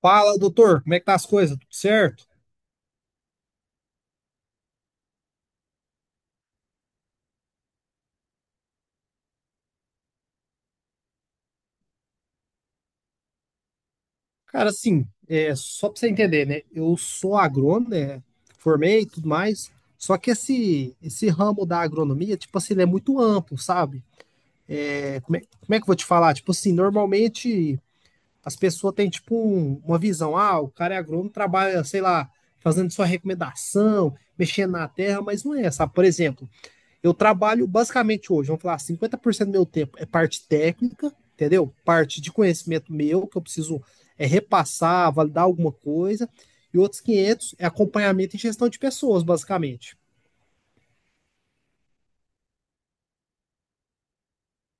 Fala, doutor, como é que tá as coisas? Tudo certo? Cara, assim, só pra você entender, né? Eu sou agrônomo, né? Formei e tudo mais. Só que esse ramo da agronomia, tipo assim, ele é muito amplo, sabe? Como é que eu vou te falar? Tipo assim, normalmente as pessoas têm, tipo, uma visão. Ah, o cara é agrônomo, trabalha, sei lá, fazendo sua recomendação, mexendo na terra, mas não é, sabe? Por exemplo, eu trabalho basicamente hoje, vamos falar, 50% do meu tempo é parte técnica, entendeu? Parte de conhecimento meu, que eu preciso repassar, validar alguma coisa, e outros 500 é acompanhamento e gestão de pessoas, basicamente.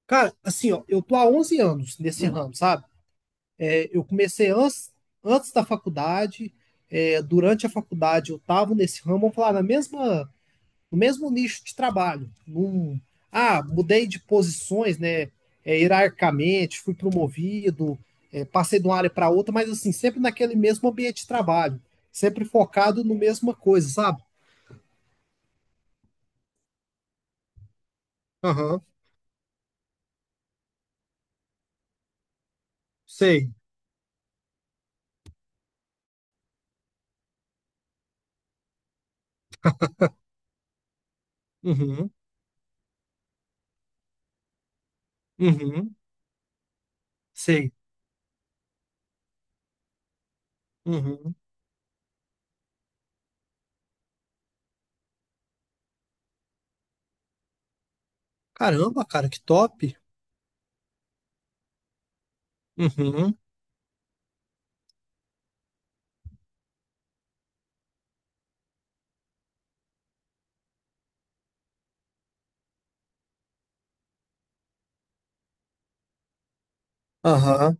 Cara, assim, ó, eu tô há 11 anos nesse ramo, sabe? Eu comecei antes da faculdade, durante a faculdade eu tava nesse ramo, vamos falar, na mesma no mesmo nicho de trabalho. Mudei de posições, né? Hierarquicamente, fui promovido, passei de uma área para outra, mas assim, sempre naquele mesmo ambiente de trabalho, sempre focado no mesma coisa, sabe? Aham, sei. Uhum, uhum, sei. Uhum. Caramba, cara, que top. Uhum, aham.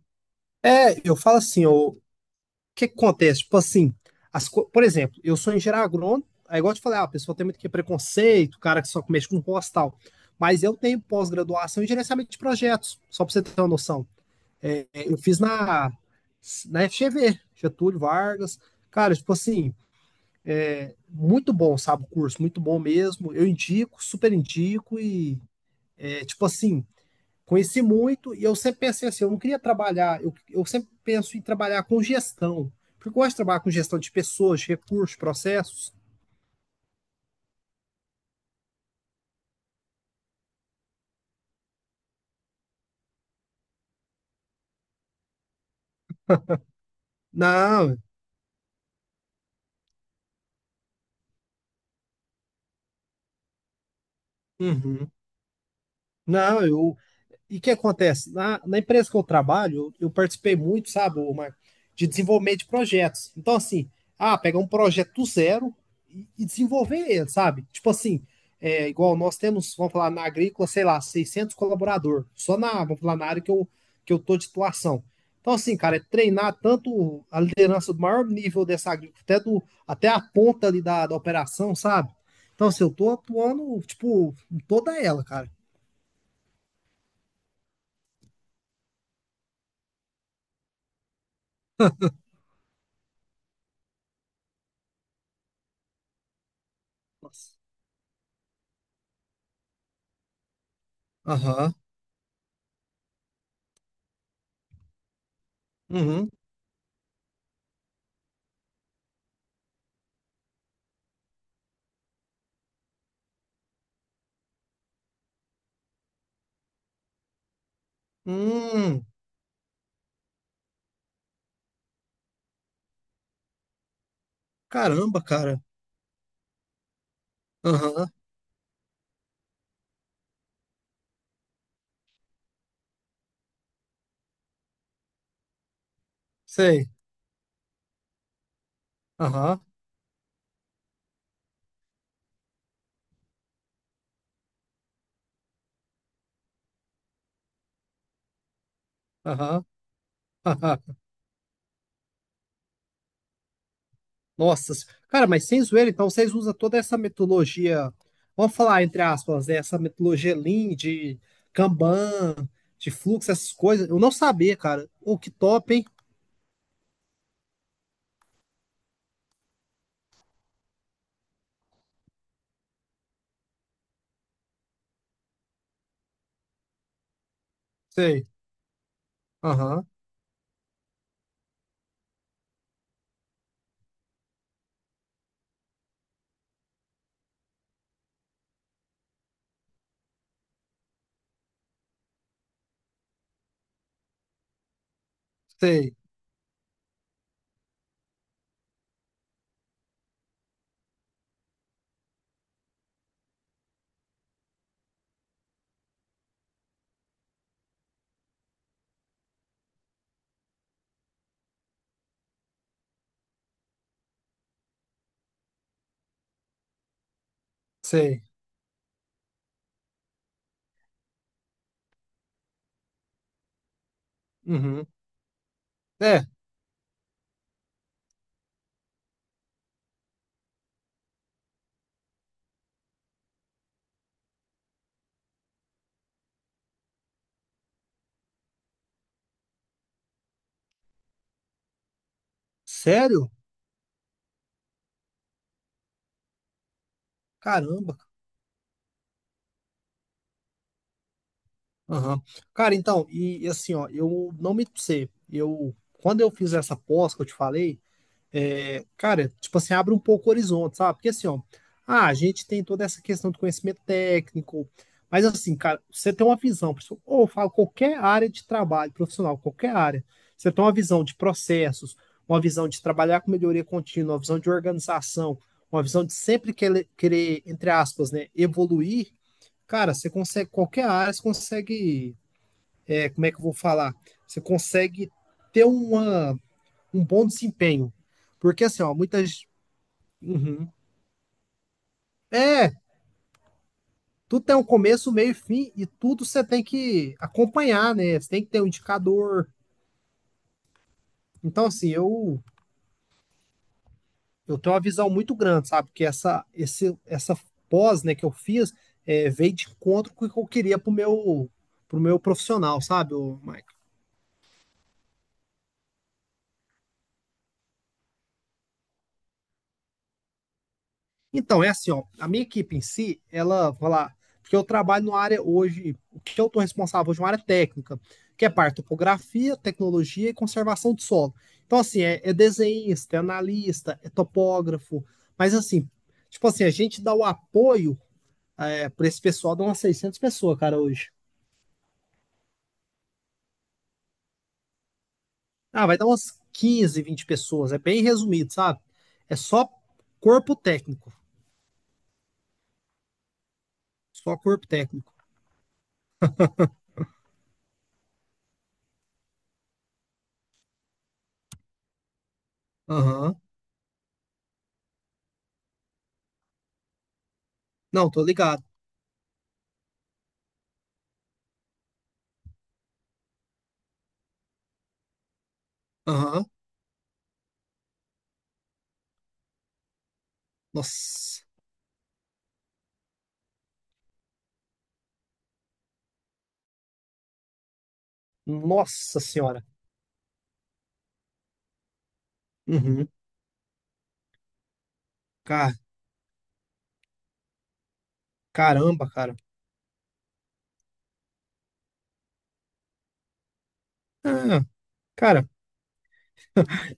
Eu falo assim, ô, que acontece? Tipo assim, por exemplo, eu sou engenheiro agrônomo, é igual eu te falei, ah, a pessoa tem muito que é preconceito, o cara que só mexe com roça e tal. Mas eu tenho pós-graduação em gerenciamento de projetos, só para você ter uma noção. Eu fiz na FGV, Getúlio Vargas. Cara, tipo assim, muito bom, sabe, o curso, muito bom mesmo. Eu indico, super indico e, tipo assim, conheci muito e eu sempre pensei assim, eu não queria trabalhar, eu sempre penso em trabalhar com gestão, porque eu gosto de trabalhar com gestão de pessoas, recursos, processos. Não, uhum. Não, e o que acontece? Na empresa que eu trabalho, eu participei muito, sabe, Marco, de desenvolvimento de projetos. Então, assim, ah, pegar um projeto do zero e desenvolver ele, sabe? Tipo assim, igual nós temos, vamos falar, na agrícola, sei lá, 600 colaborador, só na, vamos falar, na área que eu tô de titulação. Então, assim, cara, é treinar tanto a liderança do maior nível dessa agrícola, até, até a ponta ali da operação, sabe? Então, assim, eu tô atuando, tipo, em toda ela, cara. Nossa. Aham. Uhum. Hum, caramba, cara. Aham, sei. Aham, aham. Nossa, cara, mas sem zoeira, então vocês usam toda essa metodologia, vamos falar entre aspas, né, essa metodologia Lean, de Kanban, de fluxo, essas coisas. Eu não sabia, cara. O que top, hein? Sei. Aham, sei, sei. Uhum. É, sério? Caramba. Aham. Cara, então, e assim, ó, eu não me sei. Eu, quando eu fiz essa pós que eu te falei, cara, tipo assim, abre um pouco o horizonte, sabe? Porque assim, ó, ah, a gente tem toda essa questão do conhecimento técnico, mas assim, cara, você tem uma visão, pessoal, ou eu falo qualquer área de trabalho profissional, qualquer área, você tem uma visão de processos, uma visão de trabalhar com melhoria contínua, uma visão de organização, uma visão de sempre querer, querer entre aspas, né, evoluir, cara, você consegue, qualquer área, você consegue, como é que eu vou falar? Você consegue ter uma um bom desempenho. Porque assim, ó, muitas. Uhum. É, tudo tem um começo, meio e fim, e tudo você tem que acompanhar, né? Você tem que ter um indicador. Então, assim, eu tenho uma visão muito grande, sabe? Porque essa pós, né, que eu fiz, veio de encontro com o que eu queria pro meu profissional, sabe? Então, é assim, ó, a minha equipe em si, ela, vou lá, porque eu trabalho numa área hoje, o que eu estou responsável hoje é uma área técnica, que é parte de topografia, tecnologia e conservação de solo. Então, assim, é desenhista, é analista, é topógrafo, mas assim, tipo assim, a gente dá o apoio para esse pessoal, dá umas 600 pessoas, cara, hoje. Ah, vai dar umas 15, 20 pessoas, é bem resumido, sabe? É só corpo técnico, só corpo técnico. Aham, não, tô ligado. Aham, nossa. Nossa senhora. Uhum. Ca- Caramba, cara. Ah, cara,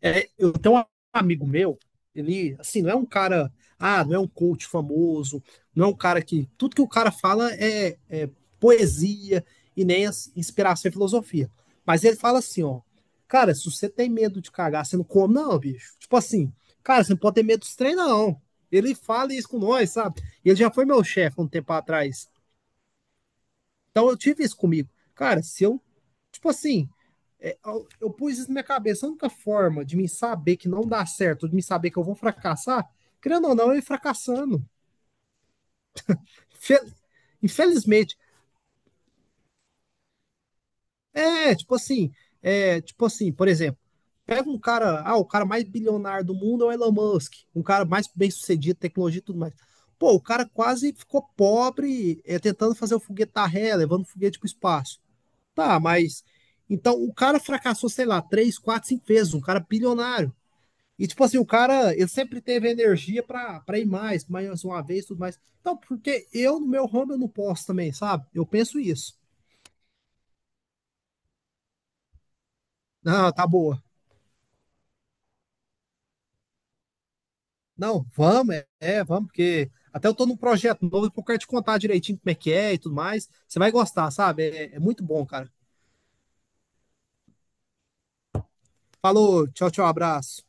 eu tenho um amigo meu, ele, assim, não é um cara, ah, não é um coach famoso, não é um cara que, tudo que o cara fala é poesia e nem inspiração e filosofia. Mas ele fala assim, ó, cara, se você tem medo de cagar, você não come não, bicho. Tipo assim, cara, você não pode ter medo dos treinos, não. Ele fala isso com nós, sabe? Ele já foi meu chefe um tempo atrás. Então eu tive isso comigo. Cara, se eu, tipo assim, eu pus isso na minha cabeça, a única forma de me saber que não dá certo, de me saber que eu vou fracassar, querendo ou não, eu ia fracassando. Infelizmente, tipo assim, tipo assim, por exemplo, pega um cara, ah, o cara mais bilionário do mundo é o Elon Musk, um cara mais bem-sucedido, tecnologia e tudo mais. Pô, o cara quase ficou pobre tentando fazer o foguete da ré, levando o foguete para o espaço. Tá, mas. Então, o cara fracassou, sei lá, três, quatro, cinco vezes, um cara bilionário. E, tipo assim, o cara, ele sempre teve energia pra ir mais, mais uma vez, tudo mais. Então, porque eu, no meu ramo, eu não posso também, sabe? Eu penso isso. Não, tá boa. Não, vamos, vamos, porque até eu tô num projeto novo, eu quero te contar direitinho como é que é e tudo mais. Você vai gostar, sabe? É muito bom, cara. Falou, tchau, tchau, abraço.